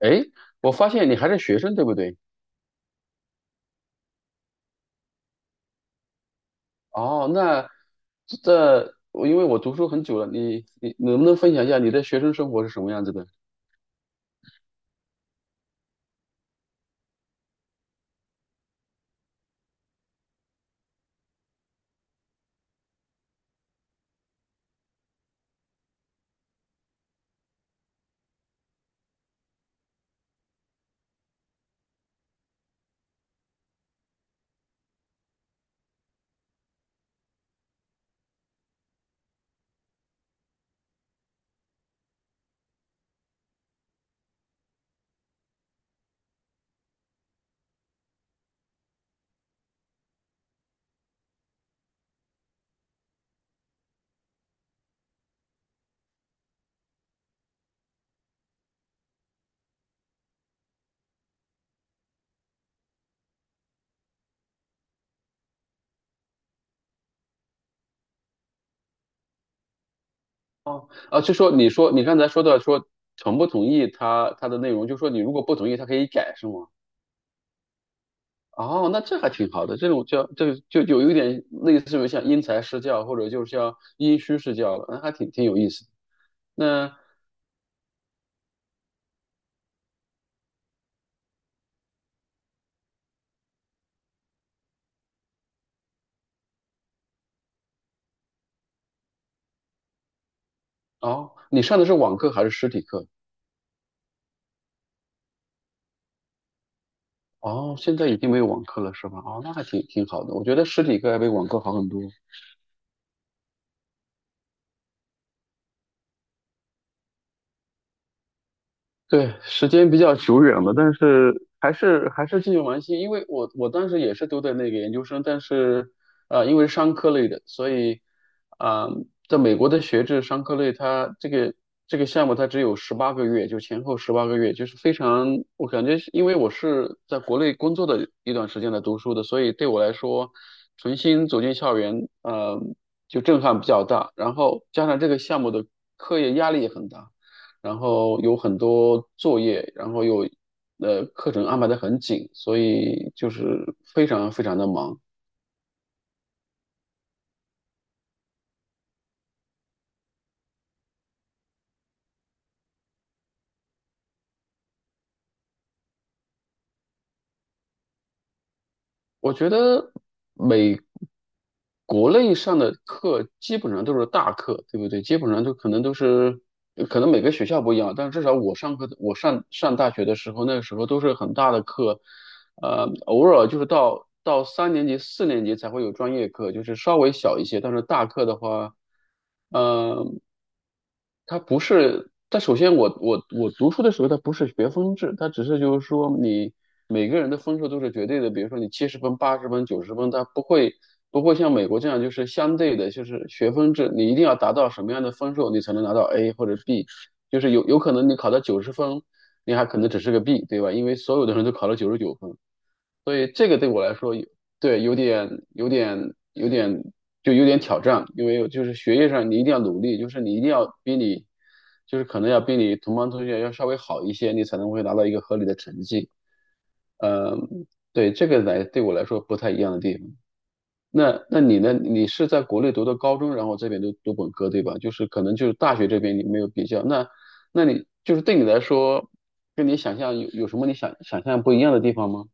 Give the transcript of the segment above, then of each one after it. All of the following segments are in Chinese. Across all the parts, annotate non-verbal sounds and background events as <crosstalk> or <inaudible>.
哎，我发现你还是学生，对不对？哦，那这我因为我读书很久了，你能不能分享一下你的学生生活是什么样子的？哦，啊，就说你说你刚才说同不同意他的内容，就说你如果不同意，他可以改，是吗？哦，那这还挺好的，这种叫这个就有一点类似于像因材施教，或者就是像因虚施教了，那还挺有意思的。那哦，你上的是网课还是实体课？哦，现在已经没有网课了是吧？哦，那还挺好的，我觉得实体课要比网课好很多。对，时间比较久远了，但是还是继续玩心，因为我当时也是读的那个研究生，但是因为是商科类的，所以在美国的学制商科类，它这个项目它只有十八个月，就前后十八个月，就是非常，我感觉是因为我是在国内工作的一段时间来读书的，所以对我来说，重新走进校园，就震撼比较大，然后加上这个项目的课业压力也很大。然后有很多作业，然后又课程安排的很紧，所以就是非常非常的忙。我觉得美国内上的课基本上都是大课，对不对？基本上都可能都是，可能每个学校不一样，但至少我上课，我上大学的时候，那个时候都是很大的课，偶尔就是到3年级、4年级才会有专业课，就是稍微小一些。但是大课的话，呃，它不是。但首先我读书的时候，它不是学分制，它只是就是说你每个人的分数都是绝对的。比如说你70分、80分、九十分，它不会像美国这样就是相对的，就是学分制，你一定要达到什么样的分数，你才能拿到 A 或者 B。就是有可能你考到九十分，你还可能只是个 B，对吧？因为所有的人都考了99分。所以这个对我来说有，对，有点有点挑战，因为就是学业上你一定要努力，就是你一定要比你就是可能要比你同班同学要稍微好一些，你才能会拿到一个合理的成绩。嗯，对，这个来对我来说不太一样的地方。那那你呢？你是在国内读的高中，然后这边读本科，对吧？就是可能就是大学这边你没有比较，那那你就是对你来说，跟你想象有什么你想象不一样的地方吗？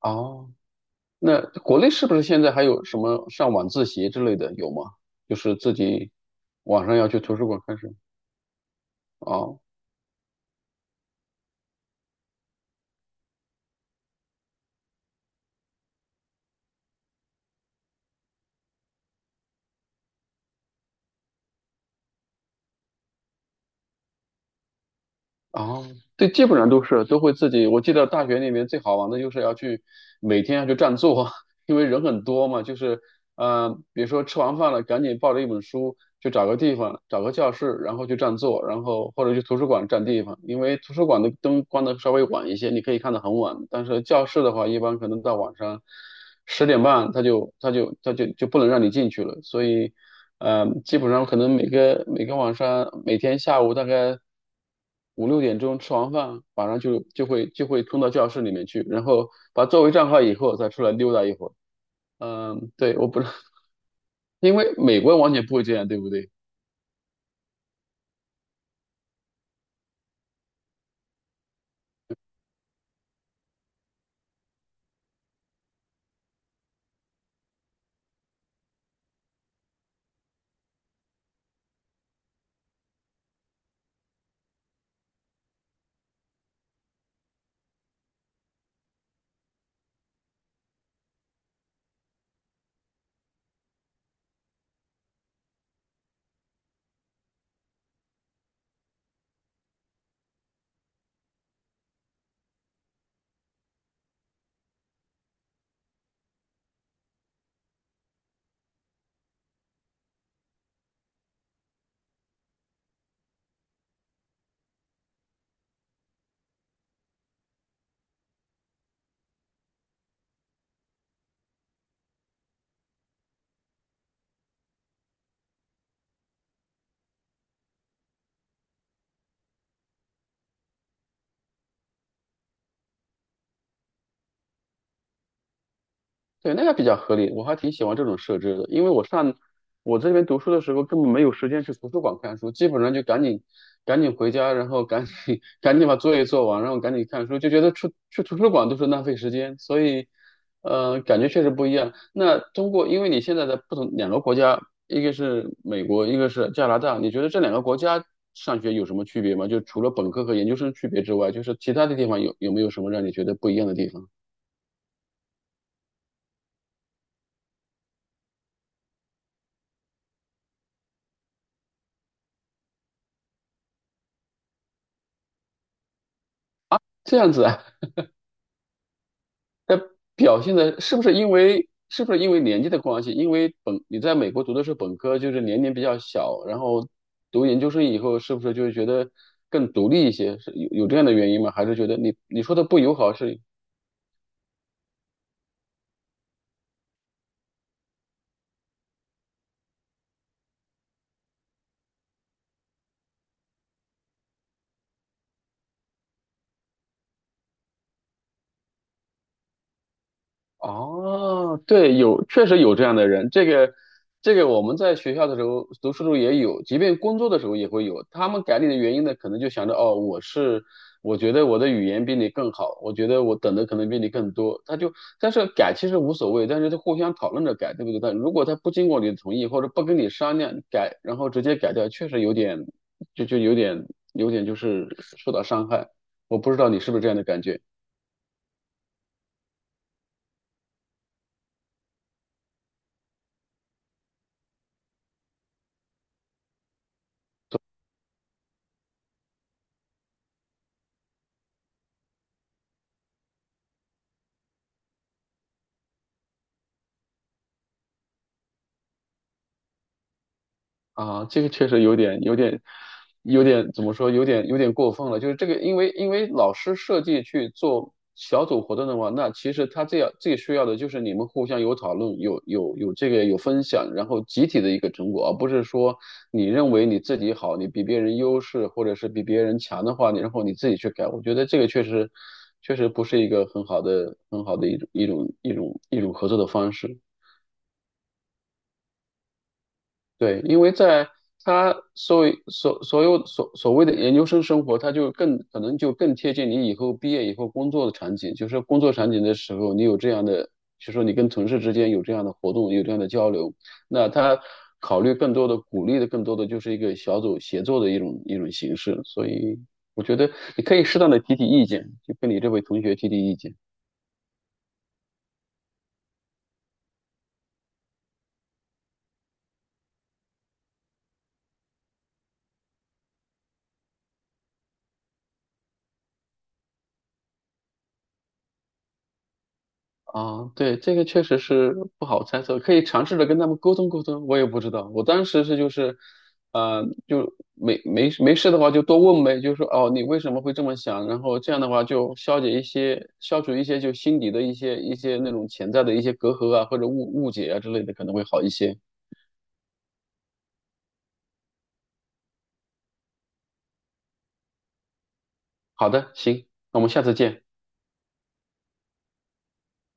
哦。那国内是不是现在还有什么上晚自习之类的，有吗？就是自己晚上要去图书馆看书。哦哦，对，基本上都是都会自己。我记得大学里面最好玩的就是每天要去占座，<laughs> 因为人很多嘛，就是比如说吃完饭了，赶紧抱着一本书。就找个地方，找个教室，然后去占座，然后或者去图书馆占地方，因为图书馆的灯关的稍微晚一些，你可以看的很晚。但是教室的话，一般可能到晚上10点半，他就不能让你进去了。所以，基本上可能每个晚上，每天下午大概五六点钟吃完饭，晚上就会冲到教室里面去，然后把座位占好以后再出来溜达一会儿。嗯，对，我不知道，<laughs> 因为美国完全不会这样，对不对？对，那个比较合理，我还挺喜欢这种设置的，因为我这边读书的时候根本没有时间去图书馆看书，基本上就赶紧回家，然后赶紧 <laughs> 赶紧把作业做完，然后赶紧看书，就觉得去图书馆都是浪费时间，所以感觉确实不一样。那通过，因为你现在的不同两个国家，一个是美国，一个是加拿大，你觉得这两个国家上学有什么区别吗？就除了本科和研究生区别之外，就是其他的地方有没有什么让你觉得不一样的地方？这样子啊。表现的是不是因为年纪的关系？因为本你在美国读的是本科，就是年龄比较小，然后读研究生以后，是不是就是觉得更独立一些？是有这样的原因吗？还是觉得你说的不友好是哦，对，有，确实有这样的人。这个我们在学校的时候，读书的时候也有，即便工作的时候也会有。他们改你的原因呢，可能就想着，哦，我是，我觉得我的语言比你更好，我觉得我等的可能比你更多。他就，但是改其实无所谓，但是他互相讨论着改，对不对？但如果他不经过你的同意，或者不跟你商量改，然后直接改掉，确实有点，有点，有点就是受到伤害。我不知道你是不是这样的感觉。啊，这个确实有点怎么说？有点过分了。就是这个，因为老师设计去做小组活动的话，那其实他这样最需要的就是你们互相有讨论、有这个有分享，然后集体的一个成果，而不是说你认为你自己好，你比别人优势，或者是比别人强的话，你然后你自己去改。我觉得这个确实不是一个很好的、很好的一种一种合作的方式。对，因为在他所谓所所有所所谓的研究生生活，他就更贴近你以后毕业以后工作的场景，就是工作场景的时候，你有这样的，就是说你跟同事之间有这样的活动，有这样的交流，那他考虑更多的鼓励的更多的就是一个小组协作的一种形式，所以我觉得你可以适当的提提意见，就跟你这位同学提提意见。啊，对，这个确实是不好猜测，可以尝试着跟他们沟通沟通。我也不知道，我当时是就是，就没事的话就多问呗，就说哦，你为什么会这么想？然后这样的话就消解一些、消除一些就心底的一些一些那种潜在的一些隔阂啊，或者误解啊之类的，可能会好一些。好的，行，那我们下次见。